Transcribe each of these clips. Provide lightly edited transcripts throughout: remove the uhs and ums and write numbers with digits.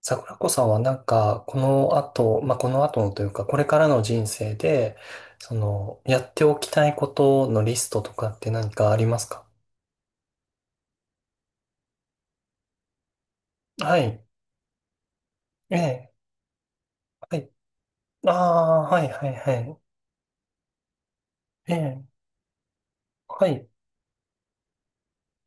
桜子さんはこの後、まあ、この後のというか、これからの人生で、やっておきたいことのリストとかって何かありますか？はい。ええ。はい。ああ、はい、はい、はい。ええ。はい。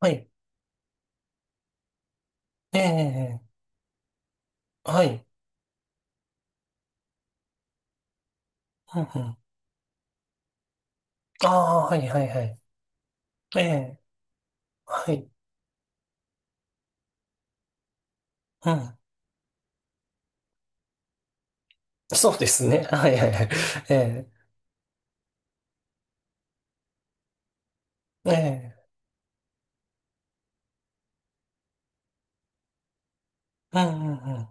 はい。ええ。はい。うんうん。ああ、はい、はい、はい。ええ。はい。うん。そうですね。はい、はい、はい。ええ。ええ。うん、うん、うん。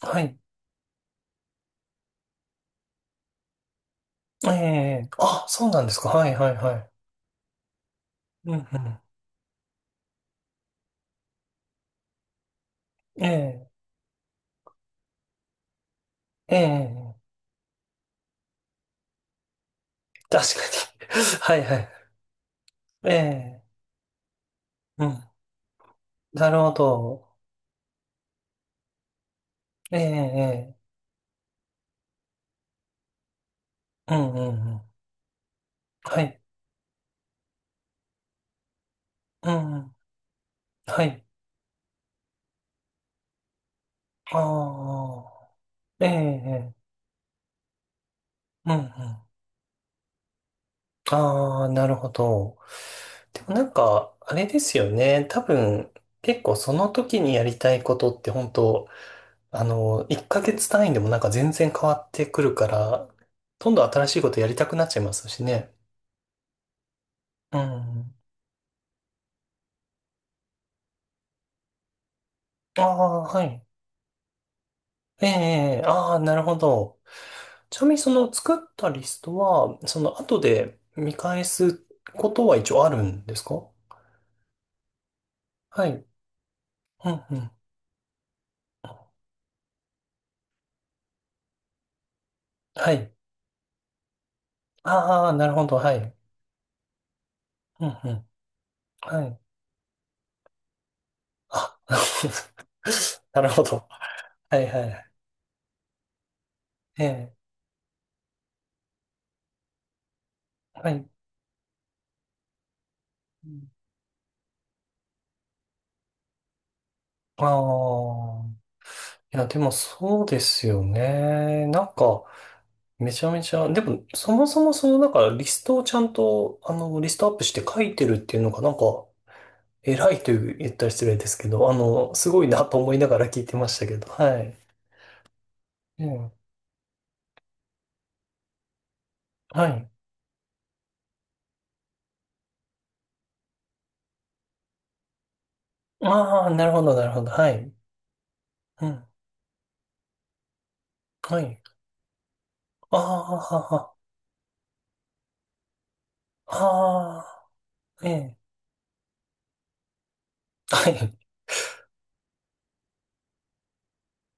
はい。ええ。あ、そうなんですか。はい、はい、はい。うん、うん。ええ。ええ、確かに。はいはい。ええ、うん。なるほど。ええ、ええうんうんうん。はい。うんうん。はい。ああ。ええ、ええうんうん。ああ、なるほど。でもなんか、あれですよね。多分、結構その時にやりたいことって本当、1ヶ月単位でもなんか全然変わってくるから、どんどん新しいことやりたくなっちゃいますしね。うん。ああ、はい。ええ、ああ、なるほど。ちなみにその作ったリストは、その後で見返すことは一応あるんですか？はい。うんうん。はい。ああ、なるほど。はい。うんうん。はい。あ、なるほど。はいはいはい。ええ、はい。ああ、いや、でもそうですよね。なんか、めちゃめちゃ、でも、そもそもリストをちゃんと、リストアップして書いてるっていうのが、偉いという言ったら失礼ですけど、すごいなと思いながら聞いてましたけど、はい。うん。はい。ああ、なるほど、なるほど。はい。うん。はい。ああ、はあ、はあ、ええ。はい。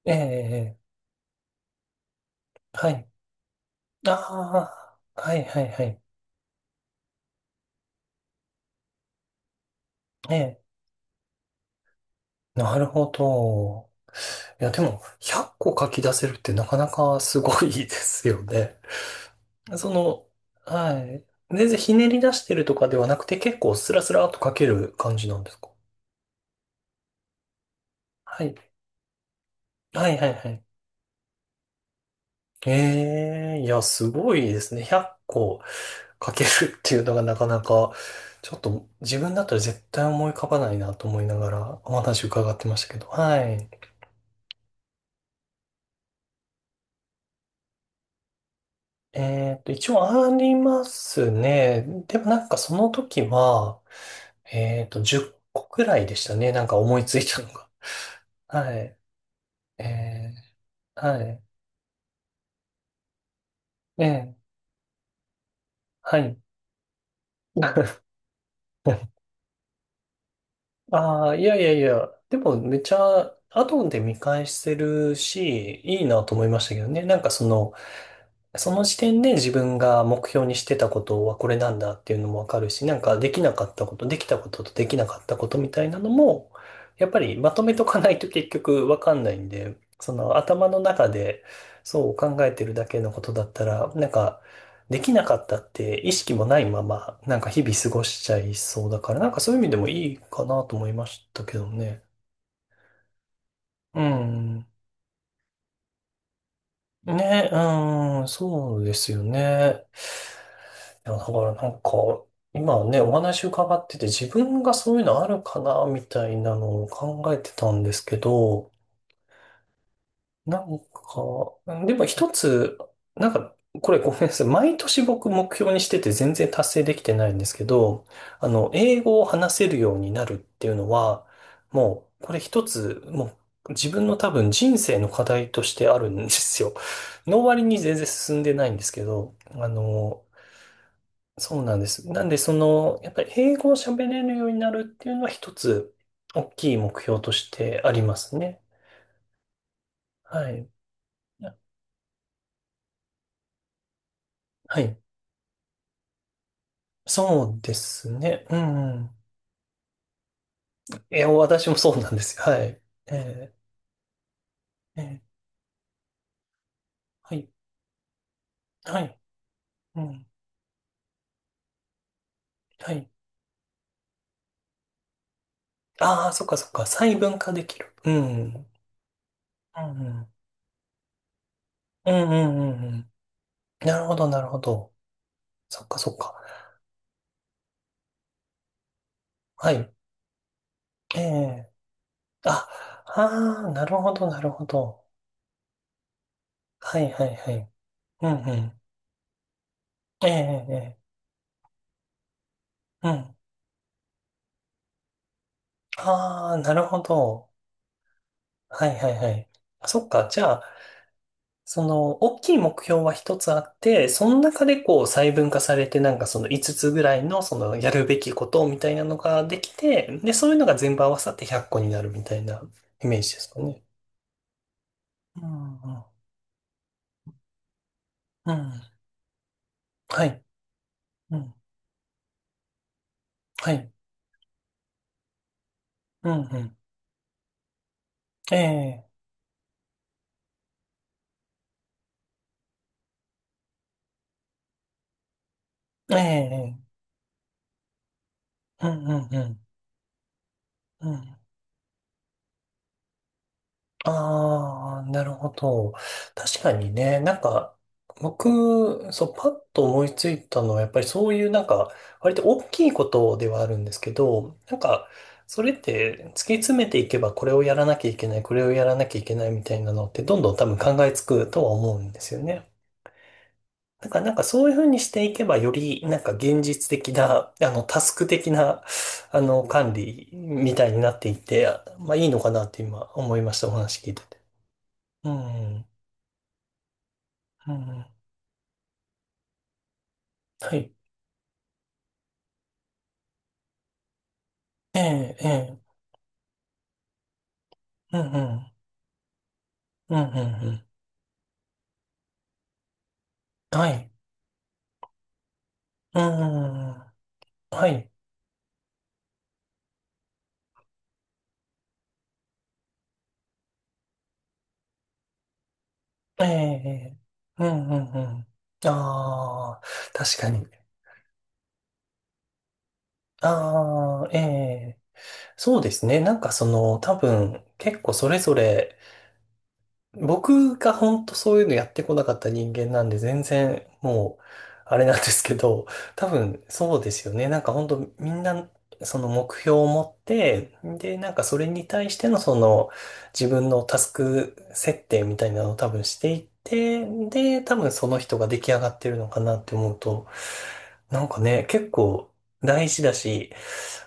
ええ、ええはい。ああ、はい、はい、はい。ええ。なるほど。いや、でも、100個書き出せるってなかなかすごいですよね。その、はい。全然ひねり出してるとかではなくて、結構スラスラっと書ける感じなんですか？はい。はいはいはい。ええいや、すごいですね。100個かけるっていうのがなかなか、ちょっと自分だったら絶対思い浮かばないなと思いながらお話伺ってましたけど。はい。えっと、一応ありますね。でもなんかその時は、えっと、10個くらいでしたね。なんか思いついたのが。はい。えー、はい。えー、はい。ああ、いやいやいや、でもめちゃ、後で見返せるし、いいなと思いましたけどね。その時点で自分が目標にしてたことはこれなんだっていうのもわかるし、なんかできなかったこと、できたことと、できなかったことみたいなのも、やっぱりまとめとかないと結局わかんないんで、その頭の中でそう考えてるだけのことだったら、なんかできなかったって意識もないまま、なんか日々過ごしちゃいそうだから、なんかそういう意味でもいいかなと思いましたけどね。うん。ね、うん、そうですよね。いや、だからなんか、今ね、お話伺ってて自分がそういうのあるかな、みたいなのを考えてたんですけど、なんか、でも一つ、なんか、これごめんなさい。毎年僕目標にしてて全然達成できてないんですけど、英語を話せるようになるっていうのは、もう、これ一つ、自分の多分人生の課題としてあるんですよ。の割に全然進んでないんですけど、そうなんです。なんで、やっぱり英語を喋れるようになるっていうのは一つ、大きい目標としてありますね。はい。はい。そうですね。うん。いや、私もそうなんですよ。はい。えー、えーはい。はい。うん。はい。ああ、そっかそっか。細分化できる。うん。うん。うん。うんうんうんうん。なるほど、なるほど。そっかそっか。はい。ええあ、ああ、なるほど、なるほど。はいはいはい。うんうん。ええええうん。ああ、なるほど。はいはいはい。あそっか。じゃあ、大きい目標は一つあって、その中でこう細分化されて、なんかその5つぐらいの、そのやるべきことみたいなのができて、で、そういうのが全部合わさって100個になるみたいなイメージですかね？うん、うん、うん。はい、うん、はい、うん、うん。ええ、ええ、ええうん、うん、うん。うんああ、なるほど。確かにね、なんか、僕、そう、パッと思いついたのは、やっぱりそういうなんか、割と大きいことではあるんですけど、なんか、それって突き詰めていけば、これをやらなきゃいけない、これをやらなきゃいけないみたいなのって、どんどん多分考えつくとは思うんですよね。だからなんかそういうふうにしていけば、よりなんか現実的な、タスク的な、管理みたいになっていって、まあいいのかなって今思いました、お話聞いてて。うん、うん、はい。ええ、ええ、うん、うん、うん、うん、うん。はい。うん、はい。ええ、ええうん、うん、うん。ああ、確かに。ああ、ええ、そうですね。多分、結構それぞれ僕が本当そういうのやってこなかった人間なんで全然もうあれなんですけど、多分そうですよね。なんか本当みんなその目標を持って、で、なんかそれに対してのその自分のタスク設定みたいなのを多分していって、で、多分その人が出来上がってるのかなって思うと、なんかね、結構大事だし、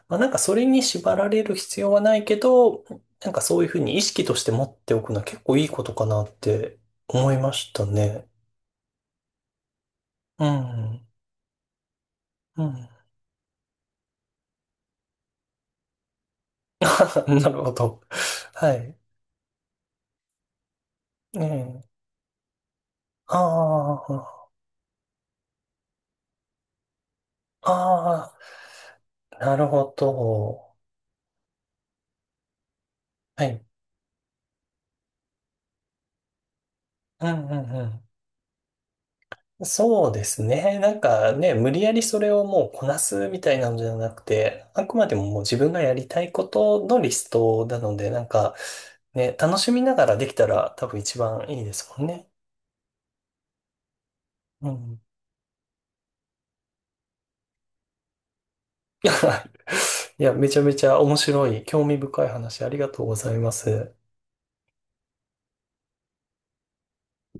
まあ、なんかそれに縛られる必要はないけど、なんかそういうふうに意識として持っておくのは結構いいことかなって思いましたね。うん。うん。なるほど。はい。うん。ああ、ああ、なるほど。はい。うんうんうん。そうですね。なんかね、無理やりそれをもうこなすみたいなのじゃなくて、あくまでももう自分がやりたいことのリストなので、なんかね、楽しみながらできたら多分一番いいですもんね。うん。いや、いや、めちゃめちゃ面白い、興味深い話ありがとうございます。